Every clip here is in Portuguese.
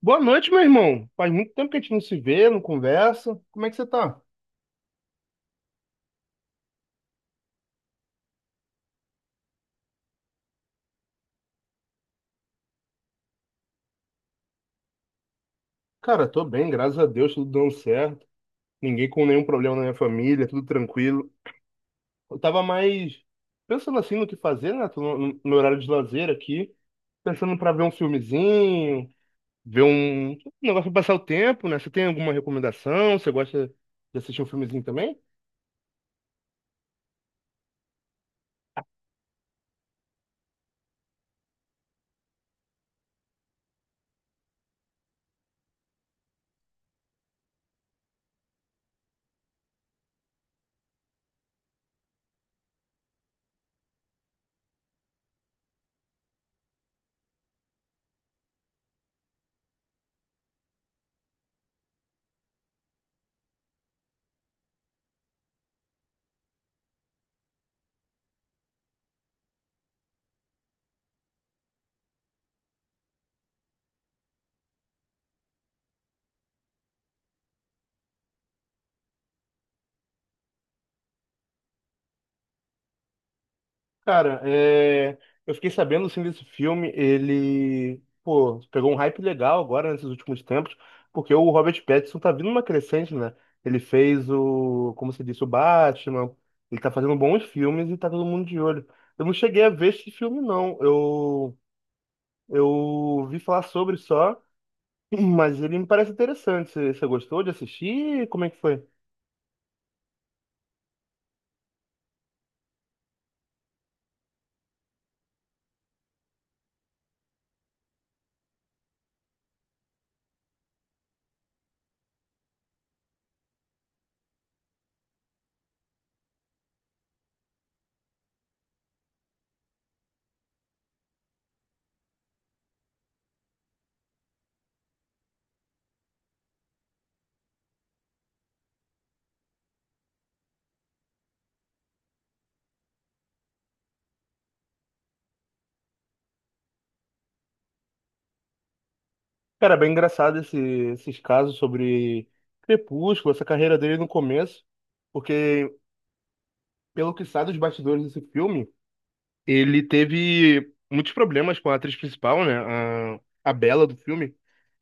Boa noite, meu irmão. Faz muito tempo que a gente não se vê, não conversa. Como é que você tá? Cara, tô bem, graças a Deus, tudo dando certo. Ninguém com nenhum problema na minha família, tudo tranquilo. Eu tava mais pensando assim no que fazer, né? Tô no horário de lazer aqui, pensando pra ver um filmezinho, ver um negócio pra passar o tempo, né? Você tem alguma recomendação? Você gosta de assistir um filmezinho também? Cara, é, eu fiquei sabendo assim desse filme, ele, pô, pegou um hype legal agora nesses últimos tempos, porque o Robert Pattinson tá vindo uma crescente, né? Ele fez o, como se disse, o Batman, ele tá fazendo bons filmes e tá todo mundo de olho. Eu não cheguei a ver esse filme, não. Eu vi falar sobre só, mas ele me parece interessante. Você gostou de assistir? Como é que foi? Cara, é bem engraçado esses casos sobre Crepúsculo, essa carreira dele no começo, porque, pelo que sabe dos bastidores desse filme, ele teve muitos problemas com a atriz principal, né, a Bella do filme,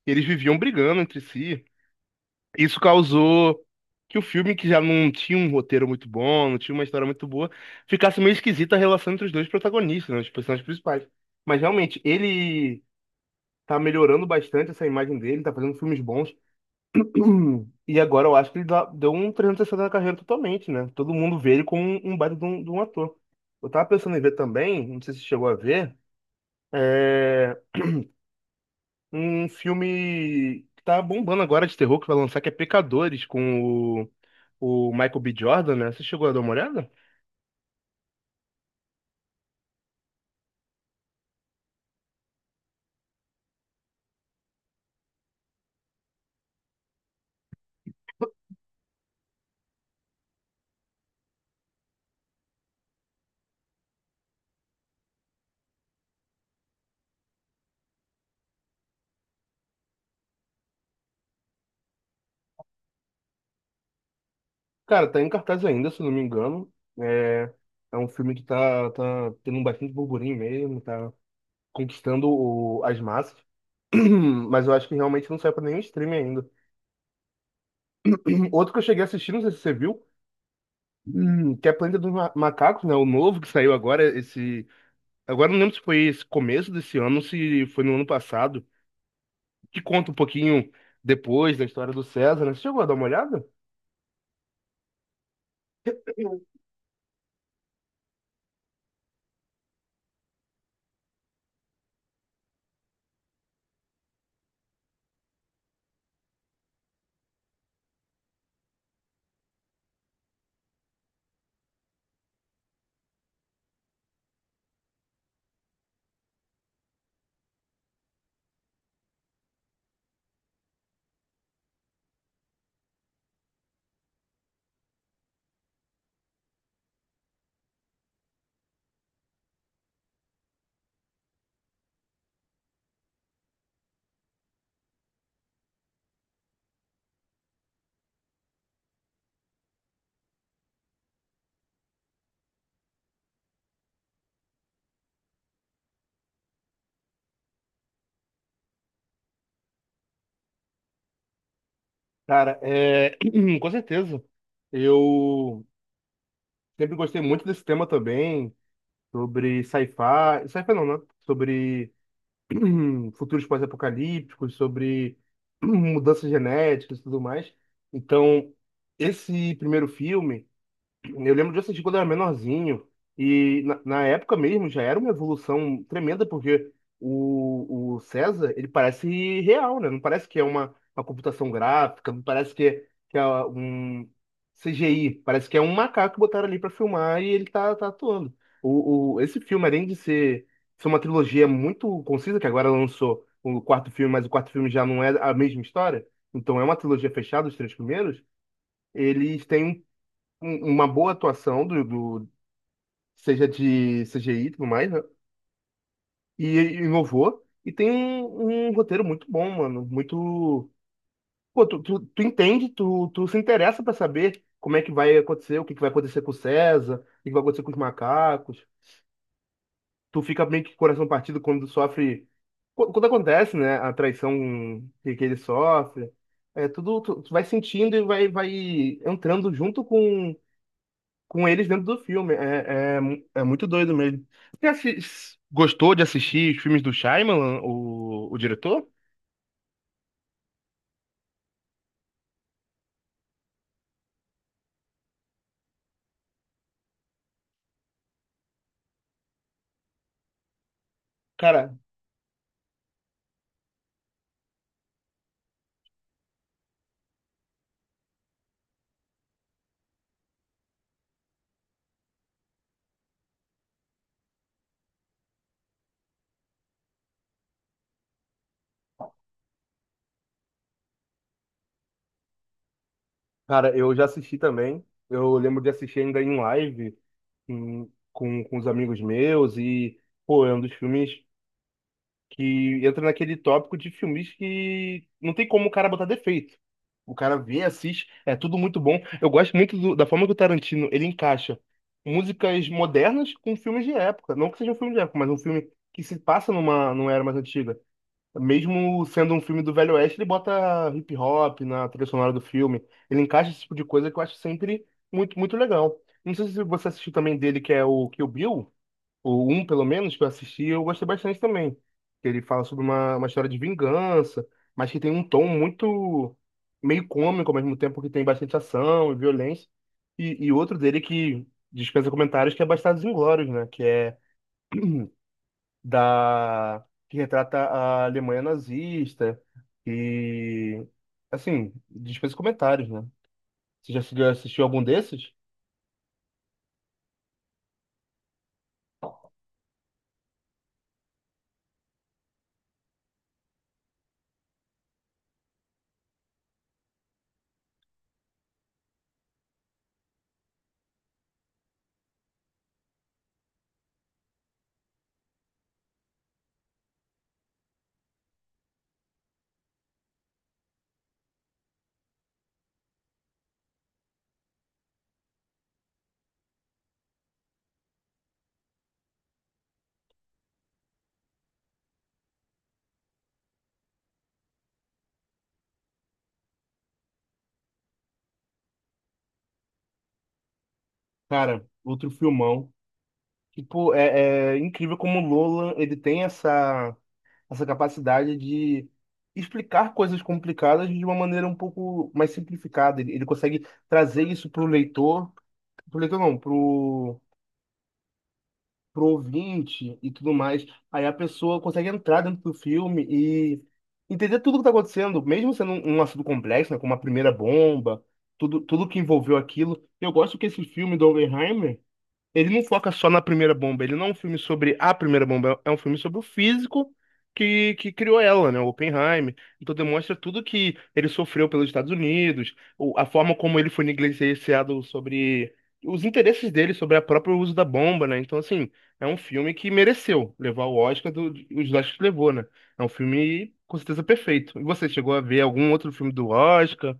eles viviam brigando entre si. Isso causou que o filme, que já não tinha um roteiro muito bom, não tinha uma história muito boa, ficasse meio esquisita a relação entre os dois protagonistas, né, os personagens principais. Mas, realmente, ele tá melhorando bastante essa imagem dele, tá fazendo filmes bons. E agora eu acho que ele deu um 360 na carreira totalmente, né? Todo mundo vê ele como um baita de de um ator. Eu tava pensando em ver também, não sei se você chegou a ver, é, um filme que tá bombando agora de terror que vai lançar, que é Pecadores, com o, o Michael B. Jordan, né? Você chegou a dar uma olhada? Cara, tá em cartaz ainda, se eu não me engano. É, é um filme que tá tendo um bastante burburinho mesmo, tá conquistando as massas. Mas eu acho que realmente não saiu pra nenhum streaming ainda. Outro que eu cheguei a assistir, não sei se você viu, que é Planeta dos Macacos, né? O novo que saiu agora, esse. Agora eu não lembro se foi esse começo desse ano, se foi no ano passado, que conta um pouquinho depois da história do César, né? Você chegou a dar uma olhada? Cara, é... com certeza. Eu sempre gostei muito desse tema também, sobre sci-fi. Sci-fi não, né? Sobre futuros pós-apocalípticos, sobre mudanças genéticas e tudo mais. Então, esse primeiro filme. Eu lembro de assistir quando eu era menorzinho. E na época mesmo já era uma evolução tremenda, porque o César, ele parece real, né? Não parece que é uma computação gráfica, não parece que é um CGI. Parece que é um macaco que botaram ali pra filmar e ele tá atuando. Esse filme, além de ser uma trilogia muito concisa, que agora lançou o quarto filme, mas o quarto filme já não é a mesma história, então é uma trilogia fechada, os três primeiros. Eles têm uma boa atuação seja de CGI e tudo mais, né? E inovou. E tem um roteiro muito bom, mano. Muito. Pô, tu entende, tu se interessa pra saber como é que vai acontecer, o que que vai acontecer com o César, o que que vai acontecer com os macacos. Tu fica meio que com o coração partido quando sofre. Quando acontece, né? A traição que ele sofre. É tudo. Tu vai sentindo e vai entrando junto com eles dentro do filme. É muito doido mesmo. Você gostou de assistir os filmes do Shyamalan, o diretor? Cara, Cara, eu já assisti também. Eu lembro de assistir ainda em live com, com os amigos meus e, pô, é um dos filmes que entra naquele tópico de filmes que não tem como o cara botar defeito. O cara vê, assiste, é tudo muito bom. Eu gosto muito da forma que o Tarantino ele encaixa músicas modernas com filmes de época. Não que seja um filme de época, mas um filme que se passa numa, numa era mais antiga. Mesmo sendo um filme do Velho Oeste, ele bota hip hop na trilha sonora do filme. Ele encaixa esse tipo de coisa que eu acho sempre muito, muito legal. Não sei se você assistiu também dele, que é o Kill Bill. O um, pelo menos, que eu assisti, eu gostei bastante também. Que ele fala sobre uma história de vingança, mas que tem um tom muito meio cômico ao mesmo tempo que tem bastante ação e violência. E outro dele que dispensa comentários, que é Bastardos Inglórios, né? Que é da... que retrata a Alemanha nazista e... assim, dispensa comentários, né? Você já assistiu algum desses? Cara, outro filmão. Tipo, é incrível como o Nolan, ele tem essa capacidade de explicar coisas complicadas de uma maneira um pouco mais simplificada. Ele consegue trazer isso para o leitor não, para o ouvinte e tudo mais. Aí a pessoa consegue entrar dentro do filme e entender tudo o que está acontecendo, mesmo sendo um assunto complexo, né, como a primeira bomba, tudo que envolveu aquilo. Eu gosto que esse filme do Oppenheimer ele não foca só na primeira bomba, ele não é um filme sobre a primeira bomba, é um filme sobre o físico que criou ela, né? O Oppenheimer. Então demonstra tudo que ele sofreu pelos Estados Unidos, a forma como ele foi negligenciado sobre os interesses dele sobre o próprio uso da bomba, né? Então, assim, é um filme que mereceu levar o Oscar do, os Oscars levou, né? É um filme com certeza perfeito. E você chegou a ver algum outro filme do Oscar?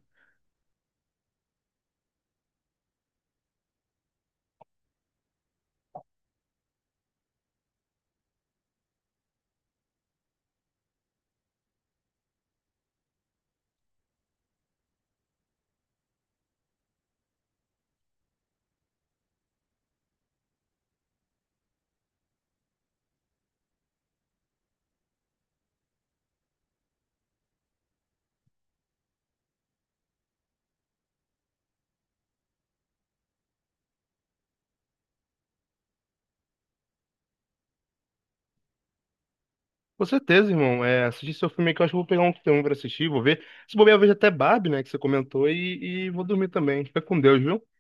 Com certeza, irmão. É, assistir seu filme aqui, eu acho que eu vou pegar um que tem um pra assistir, vou ver. Se bobear, eu vejo até Barbie, né, que você comentou, e vou dormir também. Fica com Deus, viu?